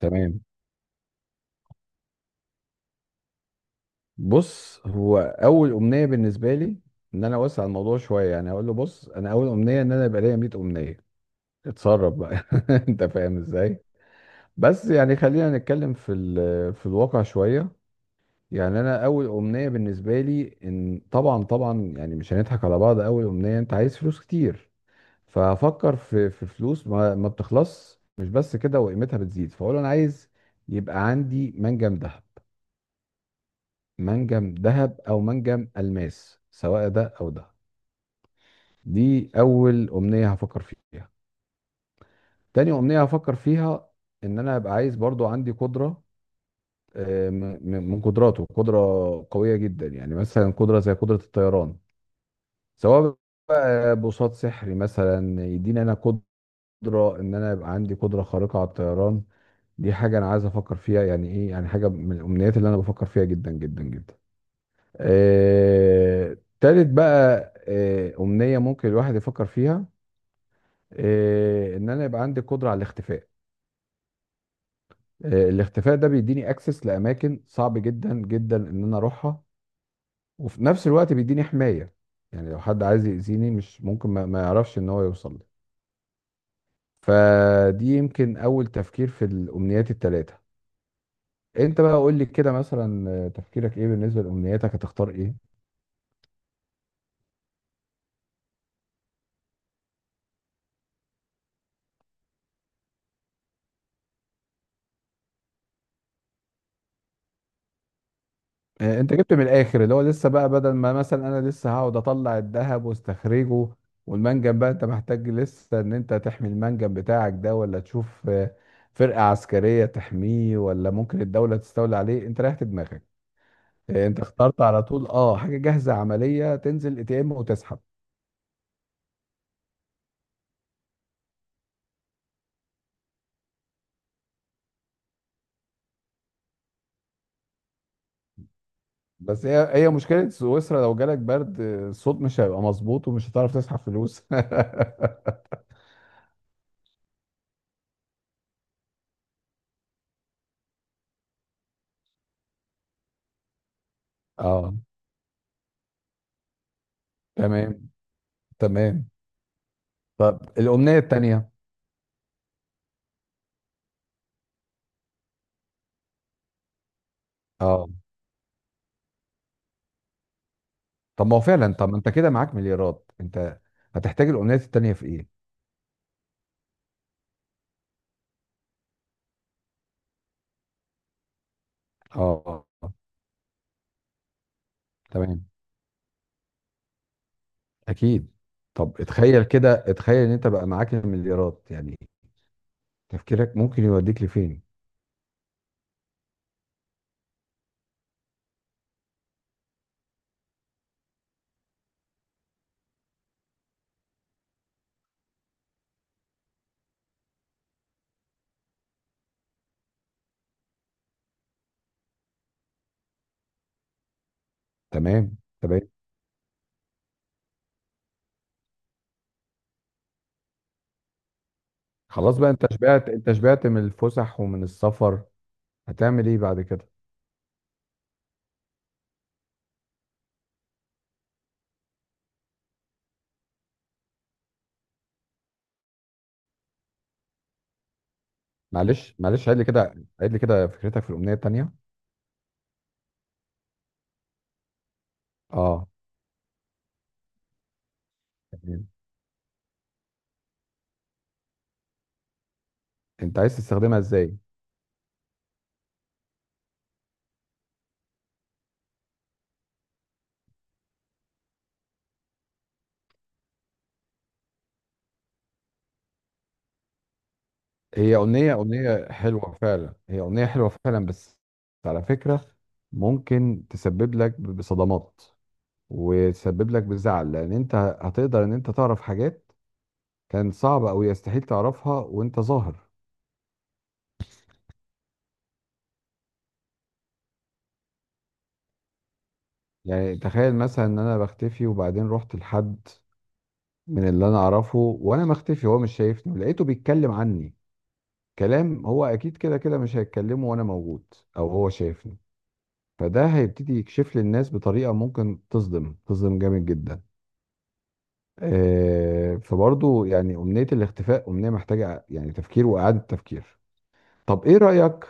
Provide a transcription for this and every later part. تمام. بص، هو اول امنيه بالنسبه لي ان انا اوسع الموضوع شويه، يعني اقول له بص انا اول امنيه ان انا يبقى ليا 100 امنيه، اتصرف بقى. انت فاهم ازاي. بس يعني خلينا نتكلم في الواقع شويه. يعني انا اول امنيه بالنسبه لي ان طبعا طبعا، يعني مش هنضحك على بعض، اول امنيه انت عايز فلوس كتير. فافكر في فلوس ما بتخلص، مش بس كده، وقيمتها بتزيد، فاقول له انا عايز يبقى عندي منجم دهب، منجم ذهب او منجم الماس، سواء ده او ده. دي اول امنيه هفكر فيها. تاني امنيه هفكر فيها ان انا ابقى عايز برضو عندي قدره. آه، م- من قدراته قدره قويه جدا، يعني مثلا قدره زي قدره الطيران، سواء بقى بوصات سحري مثلا يديني انا قدره ان انا يبقى عندي قدره خارقه على الطيران. دي حاجه انا عايز افكر فيها، يعني ايه، يعني حاجه من الامنيات اللي انا بفكر فيها جدا جدا جدا. تالت بقى، أمنية ممكن الواحد يفكر فيها، إن أنا يبقى عندي قدرة على الاختفاء. الاختفاء ده بيديني أكسس لأماكن صعب جدا جدا إن أنا أروحها، وفي نفس الوقت بيديني حماية. يعني لو حد عايز يأذيني مش ممكن ما يعرفش إن هو يوصل لي. فدي يمكن أول تفكير في الأمنيات التلاتة. أنت بقى قول لي كده، مثلا تفكيرك إيه بالنسبة لأمنياتك، هتختار إيه؟ انت جبت من الاخر، اللي هو لسه بقى بدل ما مثلا انا لسه هقعد اطلع الذهب واستخرجه والمنجم، بقى انت محتاج لسه ان انت تحمي المنجم بتاعك ده، ولا تشوف فرقة عسكرية تحميه، ولا ممكن الدولة تستولي عليه. انت ريحت دماغك، انت اخترت على طول. اه، حاجة جاهزة عملية، تنزل اي تي ام وتسحب. بس هي مشكلة سويسرا لو جالك برد، الصوت مش هيبقى مظبوط ومش هتعرف تسحب فلوس. اه. تمام. تمام. طب الأمنية التانية. اه، طب ما هو فعلا، طب ما انت كده معاك مليارات، انت هتحتاج الامنيات التانية في ايه؟ اه. تمام. اكيد. طب اتخيل كده، اتخيل ان انت بقى معاك المليارات، يعني تفكيرك ممكن يوديك لفين. تمام. تمام. خلاص بقى، انت شبعت، انت شبعت من الفسح ومن السفر، هتعمل ايه بعد كده؟ معلش معلش، عيد لي كده، عيد لي كده فكرتك في الامنية التانية. اه. تمام. انت عايز تستخدمها ازاي؟ هي أغنية، أغنية حلوة فعلا، هي أغنية حلوة فعلا، بس على فكرة ممكن تسبب لك بصدمات وتسبب لك بزعل، لأن أنت هتقدر إن أنت تعرف حاجات كان صعب أو يستحيل تعرفها وأنت ظاهر. يعني تخيل مثلا إن أنا بختفي وبعدين رحت لحد من اللي أنا أعرفه وأنا مختفي، هو مش شايفني، ولقيته بيتكلم عني كلام هو أكيد كده كده مش هيتكلمه وأنا موجود، أو هو شايفني. فده هيبتدي يكشف للناس بطريقة ممكن تصدم جامد جدا. فبرضه يعني أمنية الاختفاء أمنية محتاجة يعني تفكير وإعادة تفكير. طب إيه رأيك؟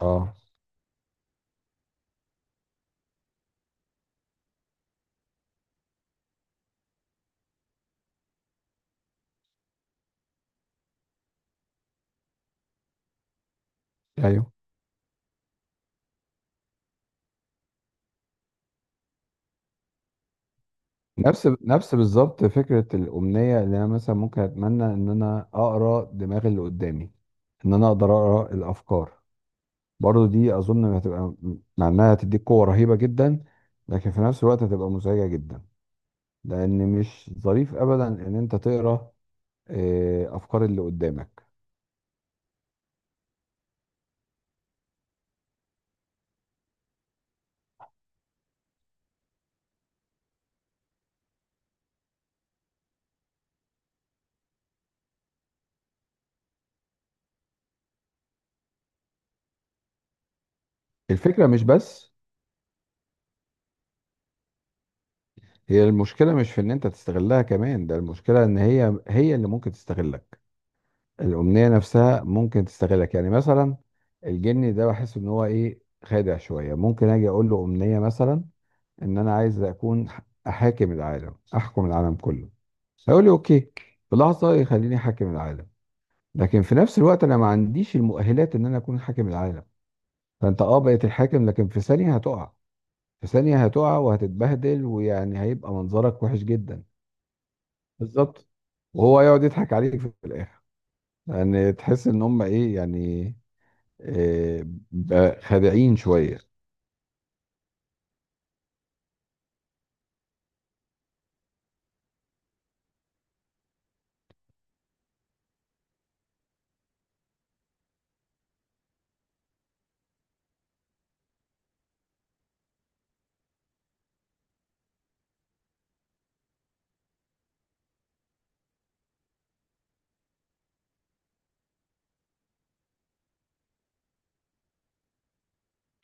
آه. أيوه. نفس بالظبط فكرة الأمنية، اللي أنا مثلا ممكن أتمنى إن أنا أقرأ دماغ اللي قدامي، إن أنا أقدر أقرأ الأفكار. برضه دي أظن هتبقى، مع إنها هتديك قوة رهيبة جدا، لكن في نفس الوقت هتبقى مزعجة جدا، لأن مش ظريف أبدا إن أنت تقرأ أفكار اللي قدامك. الفكرة مش بس، هي المشكلة مش في ان انت تستغلها كمان، ده المشكلة ان هي اللي ممكن تستغلك. الأمنية نفسها ممكن تستغلك، يعني مثلا الجني ده بحس ان هو ايه، خادع شوية. ممكن اجي اقول له أمنية مثلا ان انا عايز اكون احاكم العالم، احكم العالم كله. هيقول لي اوكي، في لحظة يخليني حاكم العالم، لكن في نفس الوقت انا ما عنديش المؤهلات ان انا اكون حاكم العالم. فانت اه بقيت الحاكم، لكن في ثانية هتقع، في ثانية هتقع وهتتبهدل، ويعني هيبقى منظرك وحش جدا. بالظبط. وهو يقعد يضحك عليك في الاخر، يعني تحس ان هم ايه يعني، إيه، خادعين شويه.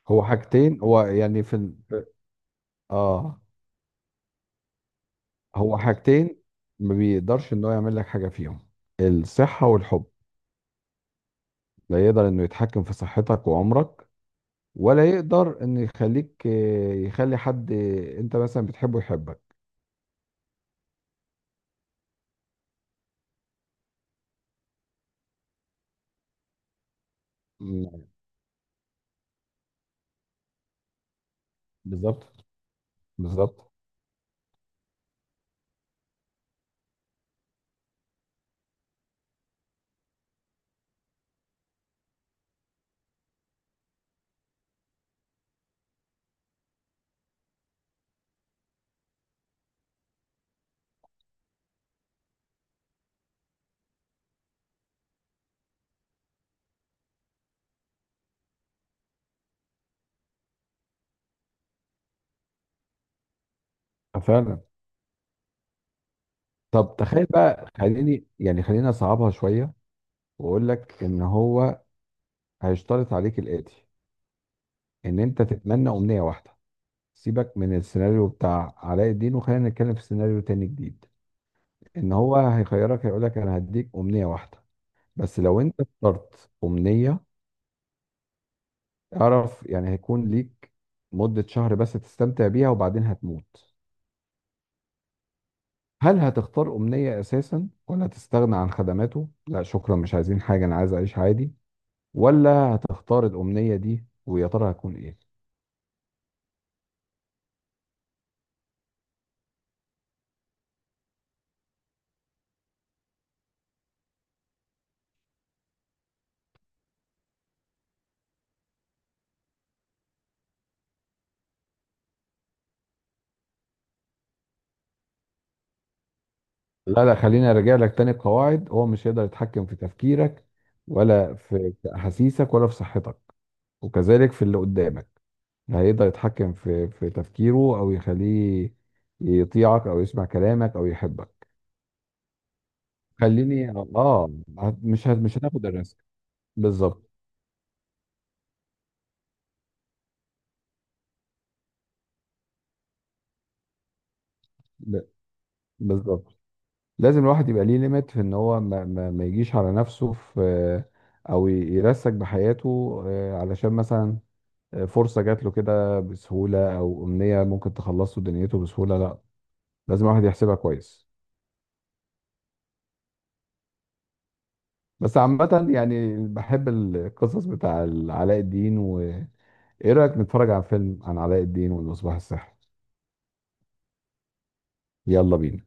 هو حاجتين، هو يعني اه، هو حاجتين ما بيقدرش ان هو يعمل لك حاجه فيهم، الصحه والحب. لا يقدر انه يتحكم في صحتك وعمرك، ولا يقدر انه يخليك، يخلي حد انت مثلا بتحبه يحبك. مم. بالظبط. بالظبط. فعلا. طب تخيل بقى، خليني يعني خلينا اصعبها شويه، واقول لك ان هو هيشترط عليك الاتي، ان انت تتمنى امنيه واحده. سيبك من السيناريو بتاع علاء الدين، وخلينا نتكلم في سيناريو تاني جديد. ان هو هيخيرك، هيقول لك انا هديك امنيه واحده، بس لو انت اخترت امنيه اعرف يعني هيكون ليك مده شهر بس تستمتع بيها، وبعدين هتموت. هل هتختار امنيه اساسا، ولا هتستغنى عن خدماته، لا شكرا مش عايزين حاجه، انا عايز اعيش عادي، ولا هتختار الامنيه دي؟ ويا ترى هتكون ايه؟ لا لا، خليني ارجع لك تاني القواعد، هو مش هيقدر يتحكم في تفكيرك، ولا في احاسيسك، ولا في صحتك، وكذلك في اللي قدامك. لا هيقدر يتحكم في تفكيره، او يخليه يطيعك، او يسمع كلامك، او يحبك. خليني اه، مش هناخد الريسك. بالظبط. ب- بالظبط. لازم الواحد يبقى ليه ليميت في ان هو ما يجيش على نفسه في، او يرسك بحياته، علشان مثلا فرصة جات له كده بسهولة، أو أمنية ممكن تخلص له دنيته بسهولة، لا، لازم الواحد يحسبها كويس. بس عامة يعني بحب القصص بتاع علاء الدين، وإيه رأيك نتفرج على فيلم عن علاء الدين والمصباح السحري؟ يلا بينا.